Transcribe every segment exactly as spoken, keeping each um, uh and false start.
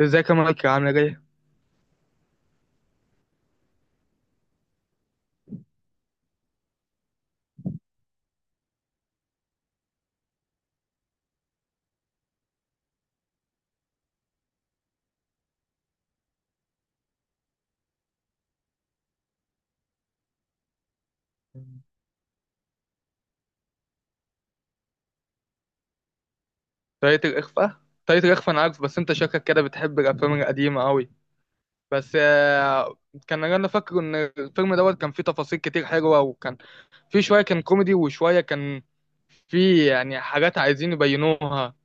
ازيك يا مايكل؟ عامله ايه؟ طريقه الاخفاء. طريقه الاخفاء انا عارف، بس انت شكلك كده بتحب الافلام القديمه قوي. بس آه، كان انا فاكر ان الفيلم دوت كان فيه تفاصيل كتير حلوه، وكان فيه شويه كان كوميدي، وشويه كان فيه يعني حاجات عايزين يبينوها.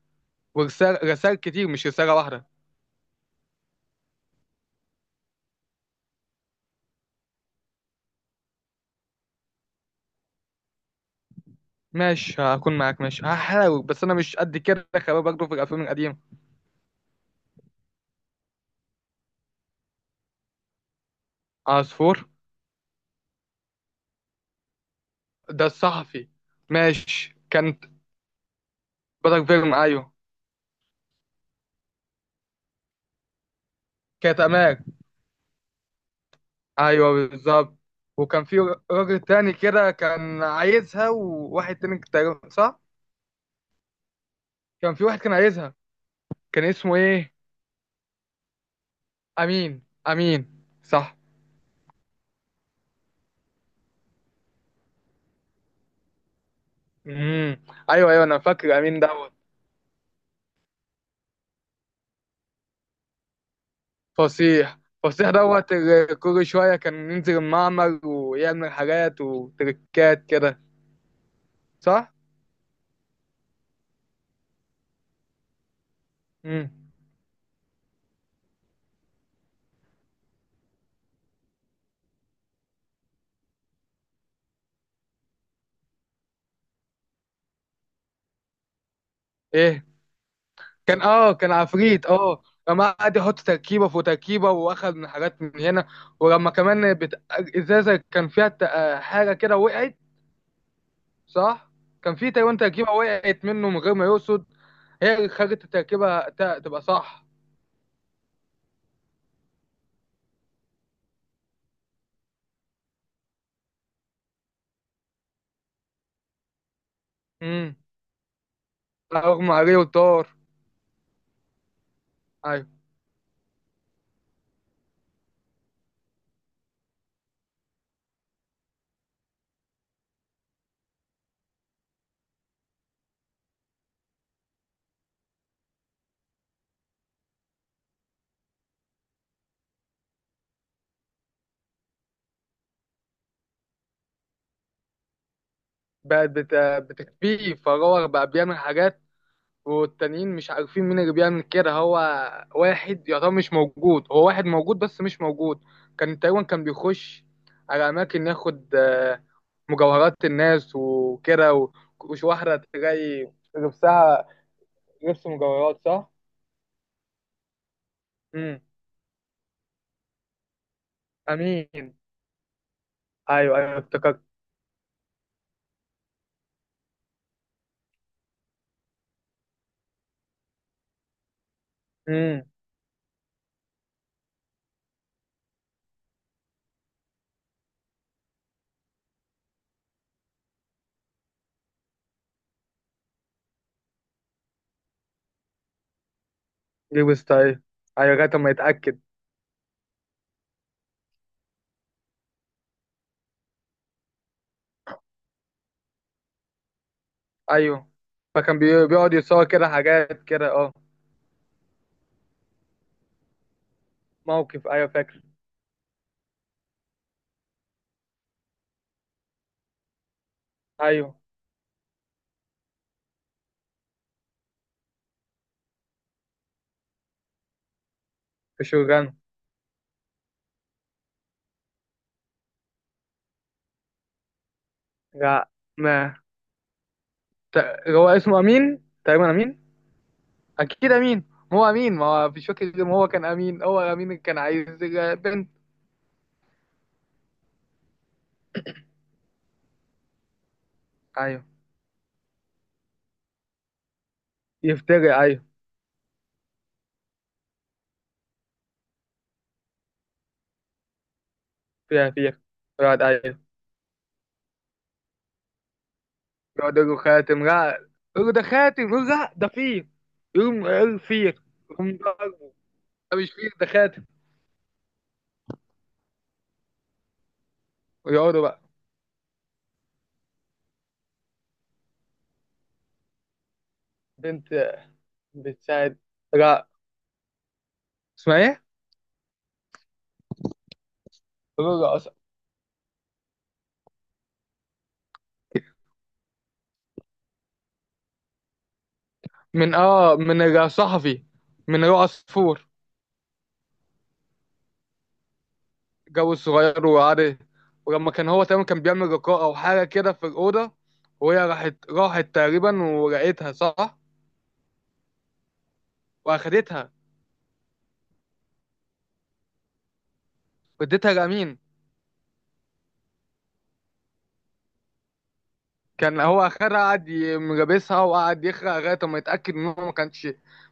ورسائل، رسائل كتير، مش رساله واحده. ماشي، هكون معاك. ماشي، هحاول، بس انا مش قد كده خبير برضه في الافلام القديمه. عصفور. ده الصحفي. ماشي. كانت، بدك فيلم، ايوه. كانت امال. ايوه، بالظبط. وكان في راجل تاني كده كان عايزها، وواحد تاني تقريبا، صح. كان في واحد كان عايزها. كان اسمه ايه؟ امين. امين، صح. امم ايوه ايوه، انا فاكر امين دوت. فصيح. فصيح دوت اللي كل شويه كان ينزل المعمل ويعمل حاجات وتركات كده. صح. امم ايه؟ كان اه كان عفريت اه. لما قعد يحط تركيبه فوق تركيبه، واخد من حاجات من هنا ولما كمان بت... ازازه كان فيها ت- آه، حاجه كده وقعت. صح. كان في تقريبا تركيبه وقعت منه من غير ما يقصد. هي اللي خلت التركيبه ت- تبقى صح. امم اغمى عليه وطار. ايوه. بقت بت... بتكفيه، فهو بقى بيعمل حاجات، والتانيين مش عارفين مين اللي بيعمل كده. هو واحد يعتبر مش موجود، هو واحد موجود بس مش موجود. كان تقريبا كان بيخش على اماكن ياخد آه، مجوهرات الناس وكده و- وش واحدة تلاقي لبسها لبس مجوهرات، صح؟ امم امين. ايوه ايوه، افتكرت. امم جيب ستايل. ايوه، لغاية ما يتأكد. ايوه، فكان بي- بيقعد يتصور كده حاجات كده اه. موقف، ايوه فاكر. ايوه، في شوغان. لا، ما ت- هو اسمه امين تقريبا، امين. اكيد امين، هو امين، ما هو مش فاكر اسمه، هو كان امين، هو امين اللي كان عايز بنت. ايوه. يفتري، ايوه. فيها، فيها يقعد، ايوه. يقعد يقول له خاتم، لا، يقول له ده خاتم، يقول له لا ده فيل. يقوم يقول فيل. يقوم ضربه. ده مش فيل، ده خاتم. ويقعدوا بقى. بنت بتساعد. لا. اسمها ايه؟ جورج أس-. من اه من الصحفي. من رؤى عصفور. جو صغير وقعد. ولما كان هو تقريبا كان بيعمل لقاء او حاجه كده في الاوضه، وهي راحت راحت تقريبا ولقيتها، صح. واخدتها. واديتها لامين. كان هو اخدها، قعد ملابسها، وقعد يخرق لغايه ما يتاكد ان هو ما كانش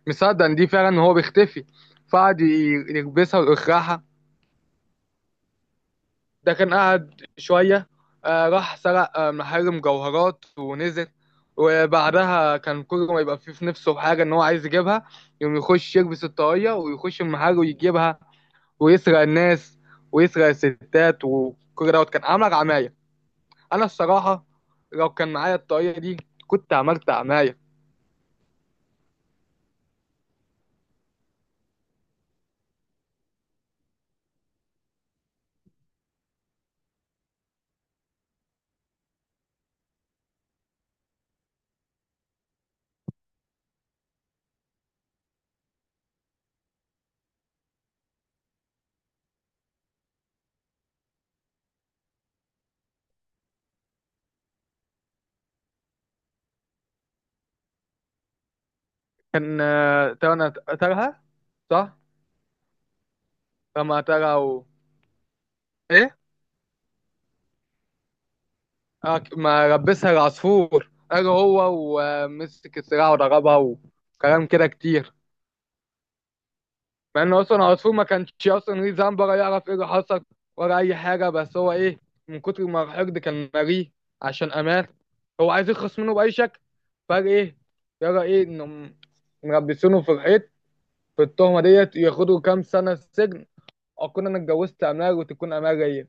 مصدق ان دي فعلا هو بيختفي. فقعد ي- يلبسها ويخرعها. ده كان قعد شوية، آه، راح سرق آه، محارم جوهرات ونزل. وبعدها كان كل ما يبقى فيه في نفسه حاجة إن هو عايز يجيبها، يقوم يخش يلبس الطاقية ويخش المحل ويجيبها، ويسرق الناس، ويسرق الستات، وكل دوت كان عامل عماية. أنا الصراحة لو كان معايا الطاقية دي كنت عملت عماية. كان آه، ترى أنا ترها، صح؟ رمى ترى و-. إيه؟ آه، ك- ما لبسها العصفور قال هو، ومسك السلاح وضربها، وكلام كده كتير. مع ان اصلا العصفور ما كانش اصلا ليه ذنب، ولا يعرف ايه اللي حصل، ولا اي حاجه. بس هو ايه، من كتر ما الحقد كان مريه عشان امان، هو عايز يخلص منه باي شكل. فقال ايه، يرى ايه انهم مربسينه في الحيط في التهمه ديت، ياخدوا كام سنه سجن، اكون انا اتجوزت امال وتكون امال ليا.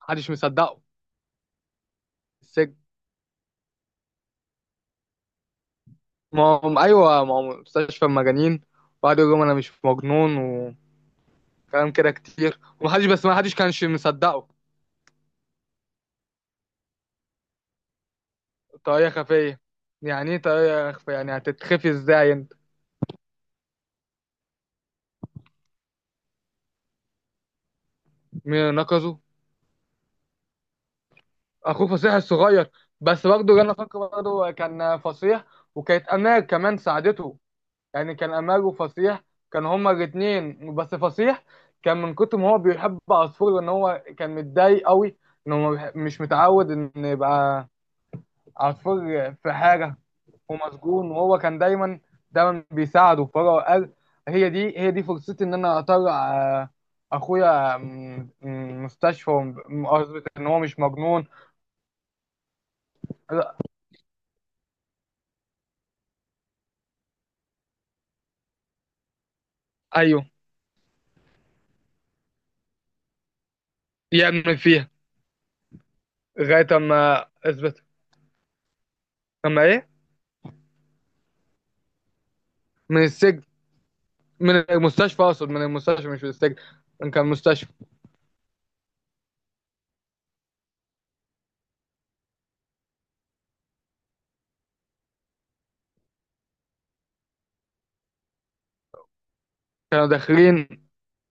محدش مصدقه. السجن. ما هم ايوه ما هم مستشفى المجانين، وقعد يقول لهم انا مش مجنون، وكلام كده كتير، ومحدش، بس ما حدش كانش مصدقه. طريقه خفيه. يعني ايه طريقه خفيه؟ يعني هتتخفي ازاي انت؟ مين نقصه؟ اخوه فصيح الصغير. بس برضه انا فاكر برضه كان فصيح وكانت امال كمان ساعدته، يعني كان امال وفصيح، كانوا هما الاتنين. بس فصيح كان من كتر ما هو بيحب عصفور، لان هو كان متضايق قوي ان هو مش متعود ان يبقى عصفور في حاجة ومسجون، وهو كان دايما دايما بيساعده، فهو قال: هي دي هي دي فرصتي إن أنا أطلع آه، أخويا من من مستشفى وم- قصدي إن هو مش مجنون. لا. أيوه يعمل فيها. لغاية أما أثبت. أما إيه. من السجن. من المستشفى، أقصد من المستشفى مش من السجن. كان مستشفى. كانوا داخلين.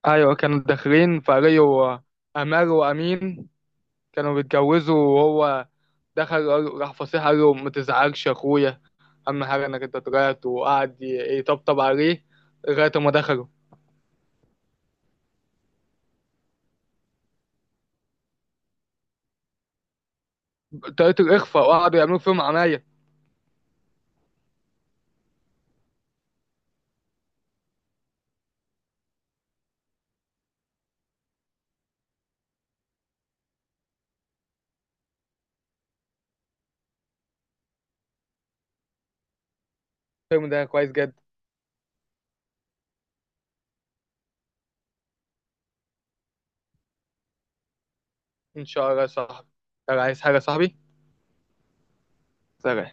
أيوه كانوا داخلين فقالوا أمال وأمين كانوا بيتجوزوا، وهو دخل قال- راح فصيح قال له ما تزعلش يا اخويا، اهم حاجه انك انت طلعت، وقعد ي- يطبطب عليه. لغايه ما دخلوا. طريقه الاخفاء، وقعدوا يعملوا فيهم عناية. الفيلم ده كويس جدا. ان شاء الله يا صاحبي. لو عايز حاجه يا صاحبي. سلام.